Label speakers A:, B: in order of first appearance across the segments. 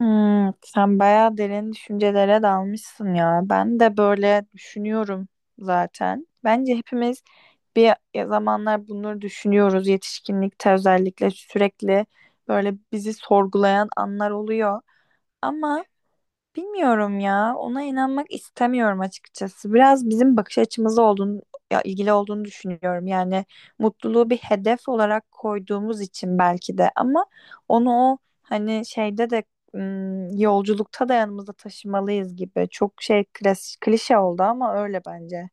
A: Hmm, sen bayağı derin düşüncelere dalmışsın ya. Ben de böyle düşünüyorum zaten. Bence hepimiz bir zamanlar bunları düşünüyoruz. Yetişkinlikte özellikle sürekli böyle bizi sorgulayan anlar oluyor. Ama bilmiyorum ya. Ona inanmak istemiyorum açıkçası. Biraz bizim bakış açımızla olduğunu, ya ilgili olduğunu düşünüyorum. Yani mutluluğu bir hedef olarak koyduğumuz için belki de, ama onu o hani şeyde de yolculukta da yanımızda taşımalıyız gibi. Çok şey klişe oldu ama öyle bence.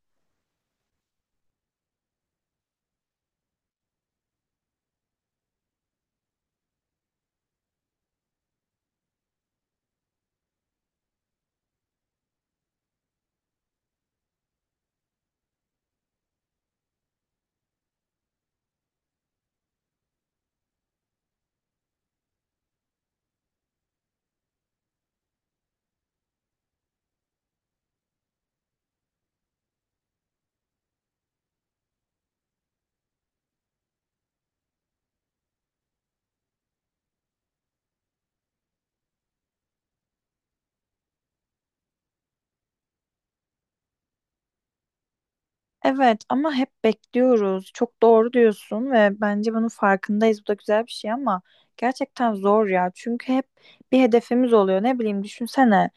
A: Evet ama hep bekliyoruz. Çok doğru diyorsun ve bence bunun farkındayız. Bu da güzel bir şey ama gerçekten zor ya. Çünkü hep bir hedefimiz oluyor. Ne bileyim, düşünsene.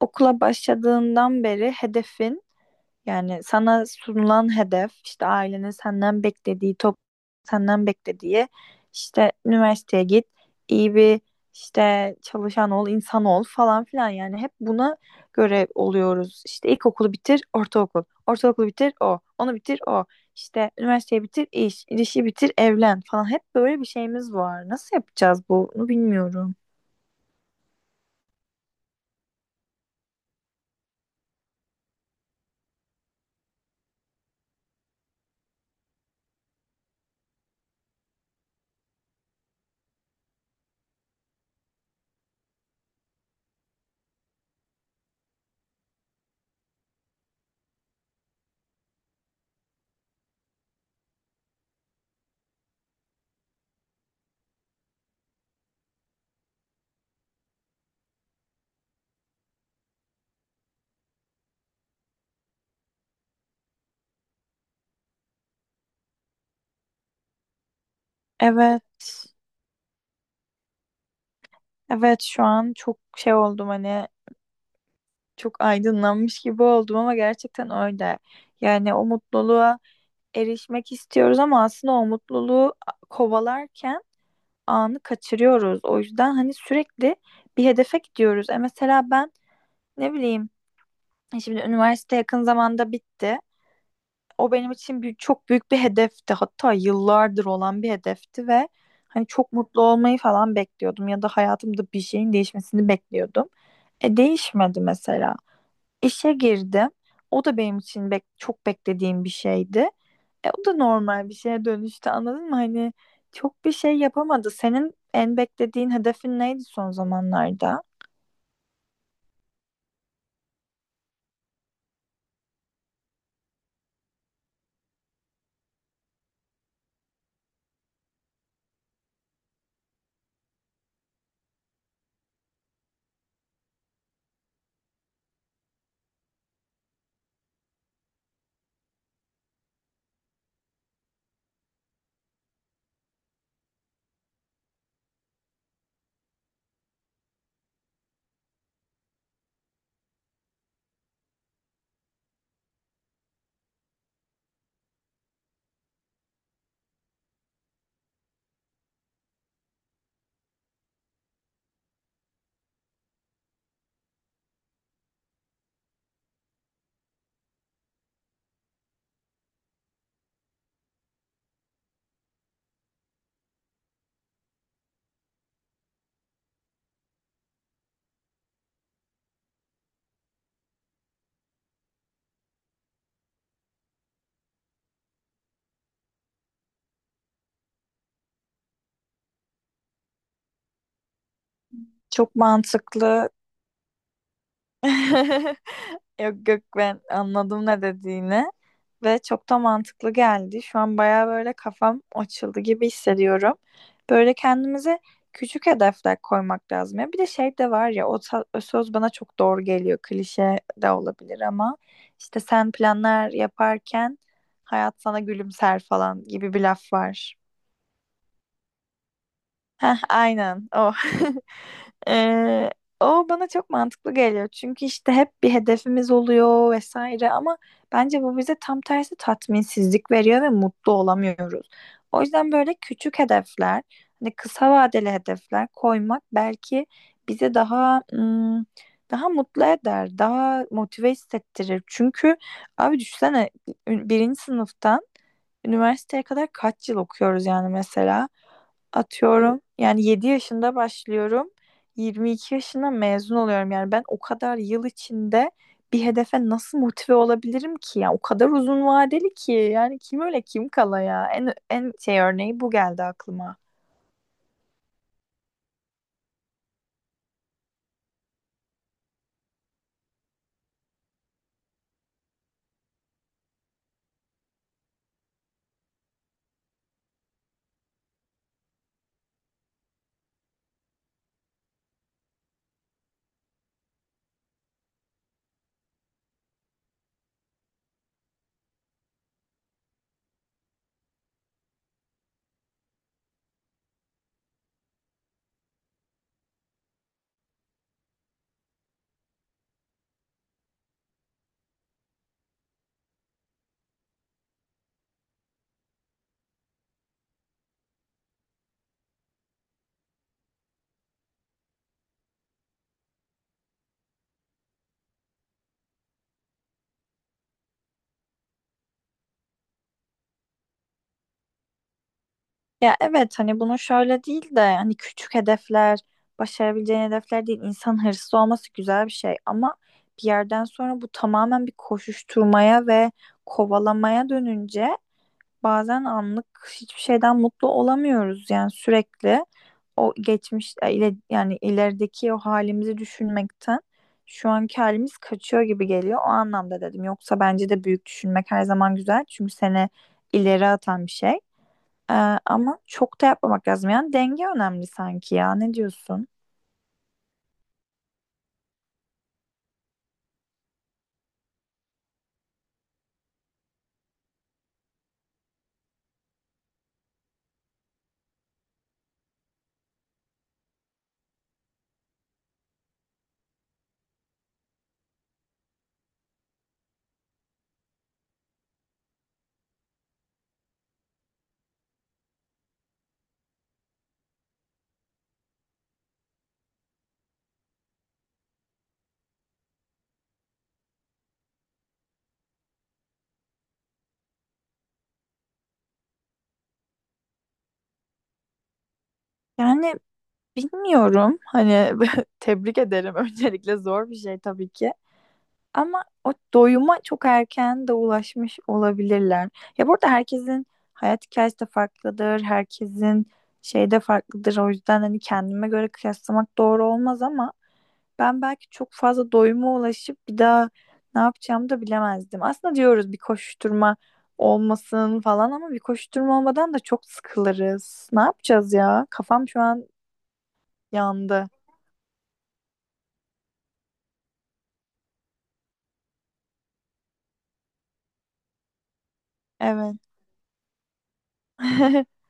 A: Okula başladığından beri hedefin, yani sana sunulan hedef, işte ailenin senden beklediği senden beklediği, işte üniversiteye git, iyi bir işte çalışan ol, insan ol falan filan. Yani hep buna göre oluyoruz: işte ilkokulu bitir, ortaokul, ortaokulu bitir, onu bitir, işte üniversiteyi bitir, işi bitir, evlen falan. Hep böyle bir şeyimiz var, nasıl yapacağız bunu bilmiyorum. Evet. Evet, şu an çok şey oldum, hani çok aydınlanmış gibi oldum ama gerçekten öyle. Yani o mutluluğa erişmek istiyoruz ama aslında o mutluluğu kovalarken anı kaçırıyoruz. O yüzden hani sürekli bir hedefe gidiyoruz. E mesela ben, ne bileyim, e şimdi üniversite yakın zamanda bitti. O benim için bir, çok büyük bir hedefti. Hatta yıllardır olan bir hedefti ve hani çok mutlu olmayı falan bekliyordum ya da hayatımda bir şeyin değişmesini bekliyordum. E, değişmedi mesela. İşe girdim. O da benim için çok beklediğim bir şeydi. E, o da normal bir şeye dönüştü, anladın mı? Hani çok bir şey yapamadı. Senin en beklediğin hedefin neydi son zamanlarda? Çok mantıklı. Yok yok, ben anladım ne dediğini ve çok da mantıklı geldi. Şu an baya böyle kafam açıldı gibi hissediyorum. Böyle kendimize küçük hedefler koymak lazım. Ya bir de şey de var ya, o söz bana çok doğru geliyor. Klişe de olabilir ama işte sen planlar yaparken hayat sana gülümser falan gibi bir laf var. Heh, aynen o. Ee, o bana çok mantıklı geliyor. Çünkü işte hep bir hedefimiz oluyor vesaire ama bence bu bize tam tersi tatminsizlik veriyor ve mutlu olamıyoruz. O yüzden böyle küçük hedefler, hani kısa vadeli hedefler koymak belki bize daha daha mutlu eder, daha motive hissettirir. Çünkü abi düşünsene, birinci sınıftan üniversiteye kadar kaç yıl okuyoruz yani mesela. Atıyorum, yani 7 yaşında başlıyorum. 22 yaşında mezun oluyorum. Yani ben o kadar yıl içinde bir hedefe nasıl motive olabilirim ki? Yani o kadar uzun vadeli ki. Yani kim öyle kim kala ya. En şey örneği bu geldi aklıma. Ya evet, hani bunu şöyle değil de, hani küçük hedefler, başarabileceğin hedefler değil. İnsan hırslı olması güzel bir şey ama bir yerden sonra bu tamamen bir koşuşturmaya ve kovalamaya dönünce, bazen anlık hiçbir şeyden mutlu olamıyoruz. Yani sürekli o geçmiş ile, yani ilerideki o halimizi düşünmekten şu anki halimiz kaçıyor gibi geliyor, o anlamda dedim. Yoksa bence de büyük düşünmek her zaman güzel, çünkü seni ileri atan bir şey. Ee, ama çok da yapmamak lazım. Yani denge önemli sanki ya, ne diyorsun? Yani bilmiyorum hani, tebrik ederim öncelikle, zor bir şey tabii ki. Ama o doyuma çok erken de ulaşmış olabilirler. Ya burada herkesin hayat hikayesi de farklıdır. Herkesin şey de farklıdır. O yüzden hani kendime göre kıyaslamak doğru olmaz ama ben belki çok fazla doyuma ulaşıp bir daha ne yapacağımı da bilemezdim. Aslında diyoruz bir koşuşturma olmasın falan, ama bir koşuşturma olmadan da çok sıkılırız. Ne yapacağız ya? Kafam şu an yandı. Evet.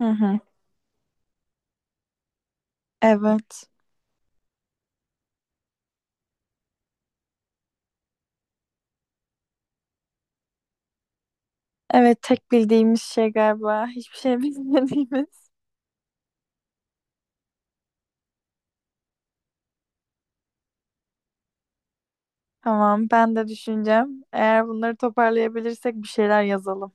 A: Hı hı. Evet. Evet, tek bildiğimiz şey galiba. Hiçbir şey bilmediğimiz. Tamam, ben de düşüneceğim. Eğer bunları toparlayabilirsek bir şeyler yazalım.